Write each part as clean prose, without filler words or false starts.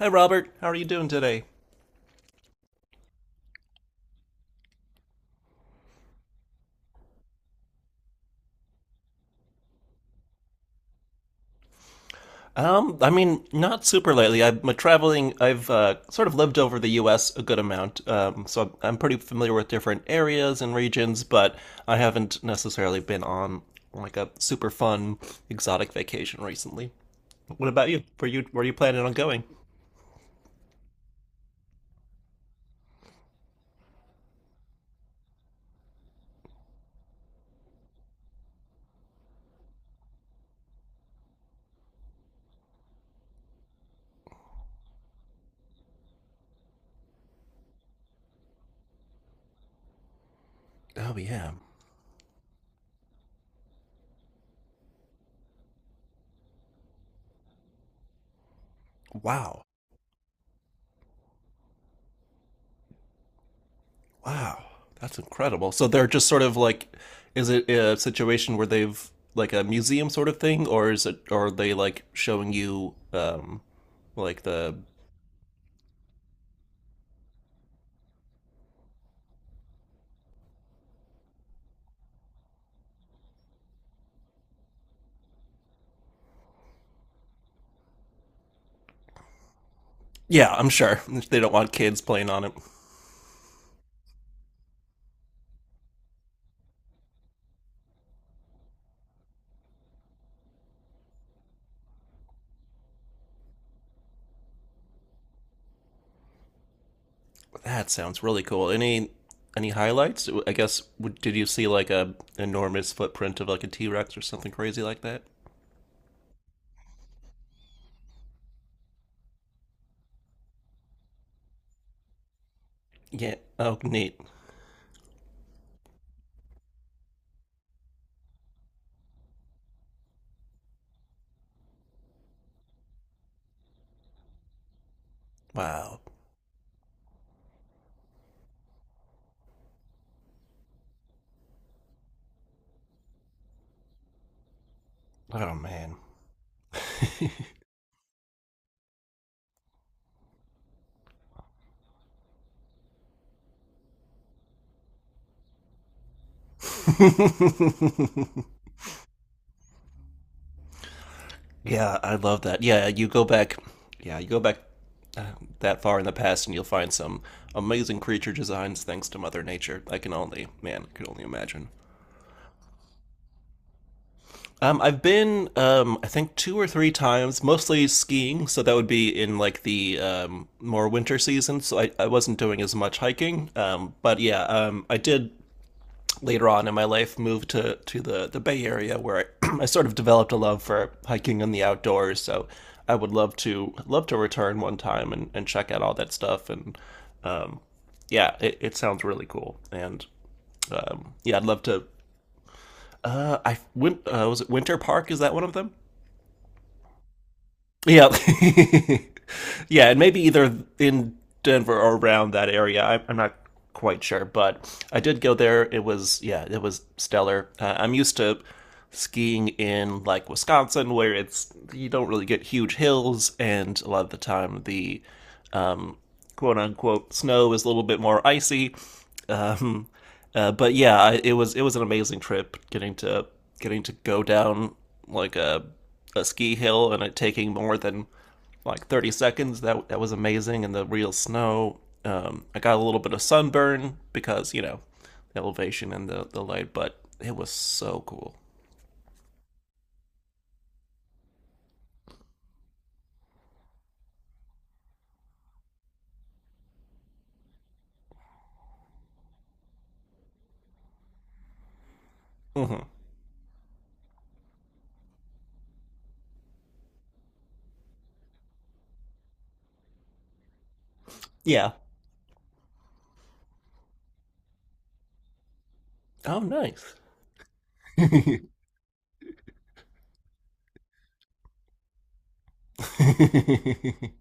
Hi, Robert. How are you doing today? I mean, not super lately. I'm traveling. I've sort of lived over the U.S. a good amount, so I'm pretty familiar with different areas and regions. But I haven't necessarily been on like a super fun exotic vacation recently. What about you? Where are you planning on going? Oh, yeah. Wow. Wow, that's incredible. So they're just sort of like, is it a situation where they've like a museum sort of thing, or is it, or are they like showing you, like the, yeah, I'm sure they don't want kids playing on it. That sounds really cool. Any highlights? I guess did you see like a enormous footprint of like a T Rex or something crazy like that? Yeah. Oh, neat. Wow. Oh, man. Yeah, I love that. Yeah, you go back. Yeah, you go back that far in the past, and you'll find some amazing creature designs thanks to Mother Nature. I can only, man, I can only imagine. I've been, I think, two or three times, mostly skiing. So that would be in like the more winter season. So I wasn't doing as much hiking. But yeah, I did later on in my life move to the Bay Area where I sort of developed a love for hiking and the outdoors. So I would love to return one time and check out all that stuff and yeah, it sounds really cool, and yeah, I'd love to. I went. Was it Winter Park? Is that one of them? Yeah, yeah, and maybe either in Denver or around that area. I'm not quite sure, but I did go there. It was Yeah, it was stellar. I'm used to skiing in like Wisconsin, where it's you don't really get huge hills, and a lot of the time the quote unquote snow is a little bit more icy. But yeah, it was an amazing trip getting to go down like a ski hill and it taking more than like 30 seconds. That was amazing and the real snow. I got a little bit of sunburn because you know the elevation and the light, but it was so cool. Hmm. Yeah. Oh, nice.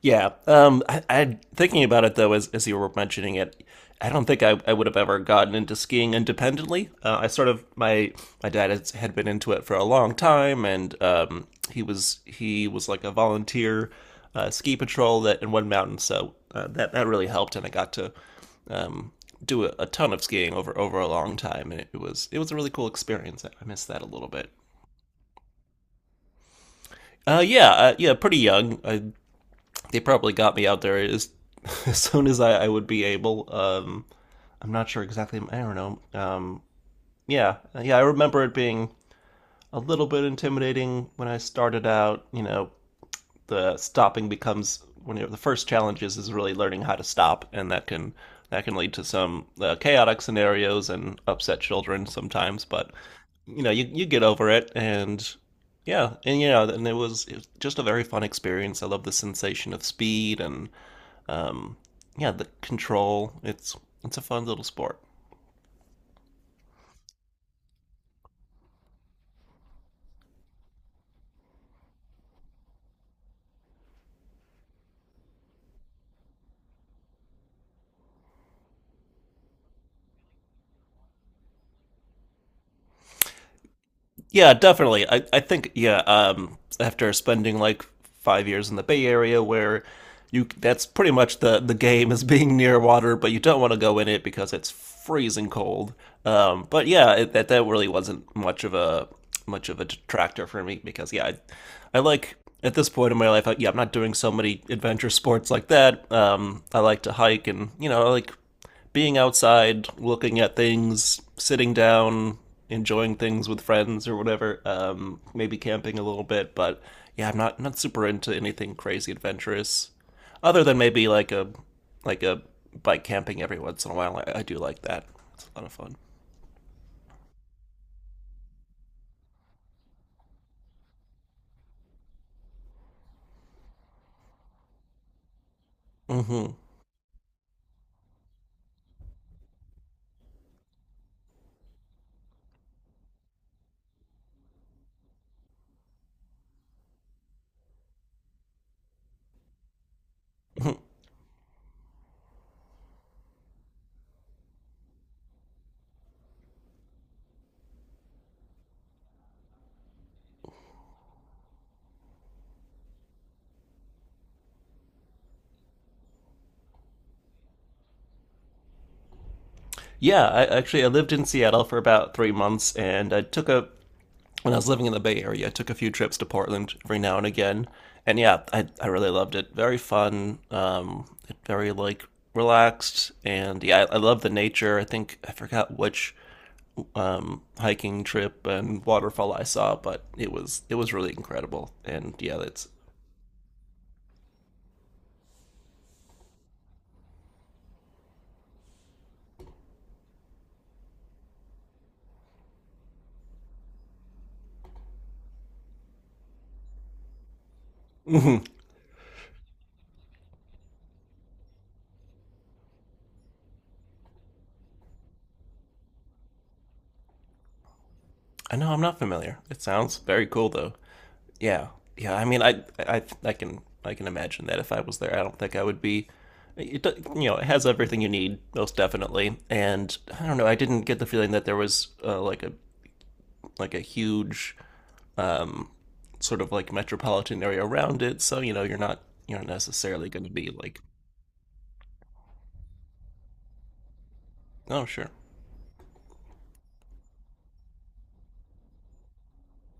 Yeah. I thinking about it though, as you were mentioning it, I don't think I would have ever gotten into skiing independently. I sort of my dad had been into it for a long time, and he was like a volunteer ski patrol that in one mountain, so that really helped, and I got to um, do a ton of skiing over a long time, and it was a really cool experience. I miss that a little bit. Yeah, yeah, pretty young. I They probably got me out there as, as soon as I would be able. I'm not sure exactly. I don't know. Yeah, yeah. I remember it being a little bit intimidating when I started out. You know, the stopping becomes one of the first challenges is really learning how to stop, and that can lead to some chaotic scenarios and upset children sometimes. But you know, you get over it, and yeah, and you know, and it was just a very fun experience. I love the sensation of speed and um, yeah, the control. It's a fun little sport. Yeah, definitely. I think, yeah. After spending like 5 years in the Bay Area, where you that's pretty much the game is being near water, but you don't want to go in it because it's freezing cold. But yeah, that really wasn't much of a detractor for me because yeah, I like at this point in my life, I, yeah, I'm not doing so many adventure sports like that. I like to hike and you know I like being outside, looking at things, sitting down, enjoying things with friends or whatever. Maybe camping a little bit, but yeah, I'm not super into anything crazy adventurous, other than maybe like a like a bike camping every once in a while. I do like that; it's a lot of fun. Hmm. Yeah, I actually I lived in Seattle for about 3 months, and I took a when I was living in the Bay Area, I took a few trips to Portland every now and again. And yeah, I really loved it. Very fun, very like relaxed. And yeah, I love the nature. I think I forgot which hiking trip and waterfall I saw, but it was really incredible. And yeah, that's. I know I'm not familiar. It sounds very cool though. Yeah, yeah. I mean, I can imagine that if I was there, I don't think I would be. It, it has everything you need, most definitely. And I don't know. I didn't get the feeling that there was like a huge um, sort of like metropolitan area around it. So you know, you're not necessarily going to be like, oh, sure,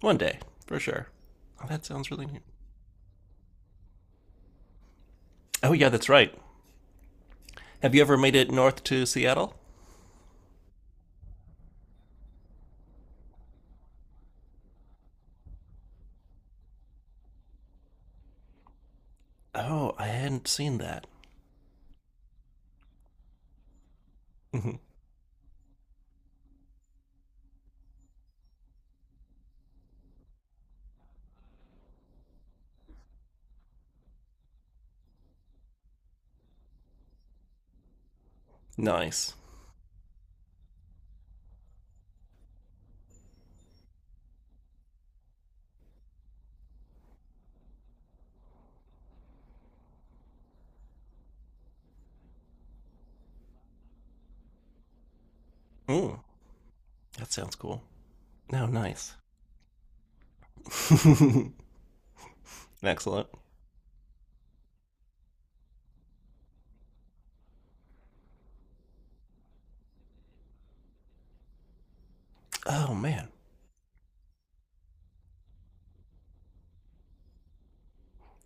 one day for sure. Oh, that sounds really neat. Oh, yeah, that's right. Have you ever made it north to Seattle? Oh, I hadn't seen that. Nice. Mm, that sounds cool. No, nice. Excellent. Oh, man.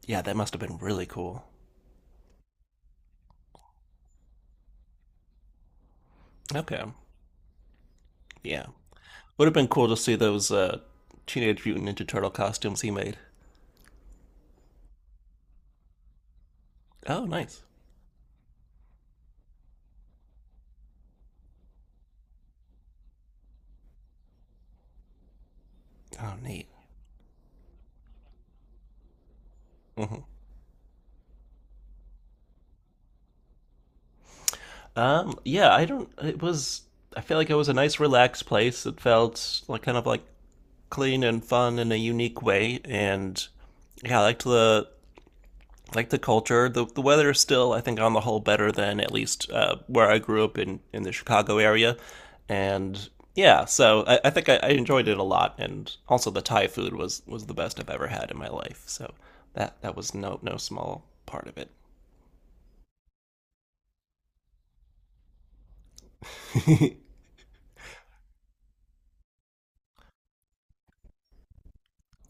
Yeah, that must have been really cool. Okay. Yeah. Would have been cool to see those Teenage Mutant Ninja Turtle costumes he made. Oh, nice. Oh, neat. Hmm. Yeah, I don't it was I feel like it was a nice relaxed place. It felt like kind of like clean and fun in a unique way and yeah, I liked the culture. The weather is still, I think, on the whole, better than at least where I grew up in the Chicago area, and yeah, so I think I enjoyed it a lot, and also the Thai food was the best I've ever had in my life. So that was no small part of it.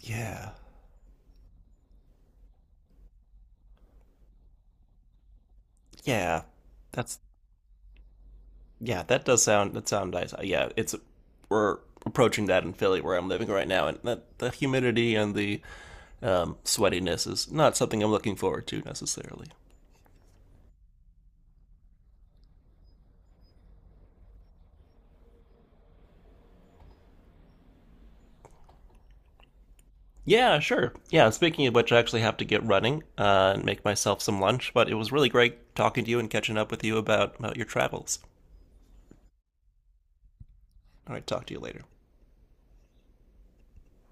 Yeah, yeah, that's yeah, that does sound nice. Yeah, it's we're approaching that in Philly where I'm living right now, and that the humidity and the sweatiness is not something I'm looking forward to necessarily. Yeah, sure. Yeah, speaking of which, I actually have to get running and make myself some lunch, but it was really great talking to you and catching up with you about your travels. All right, talk to you later.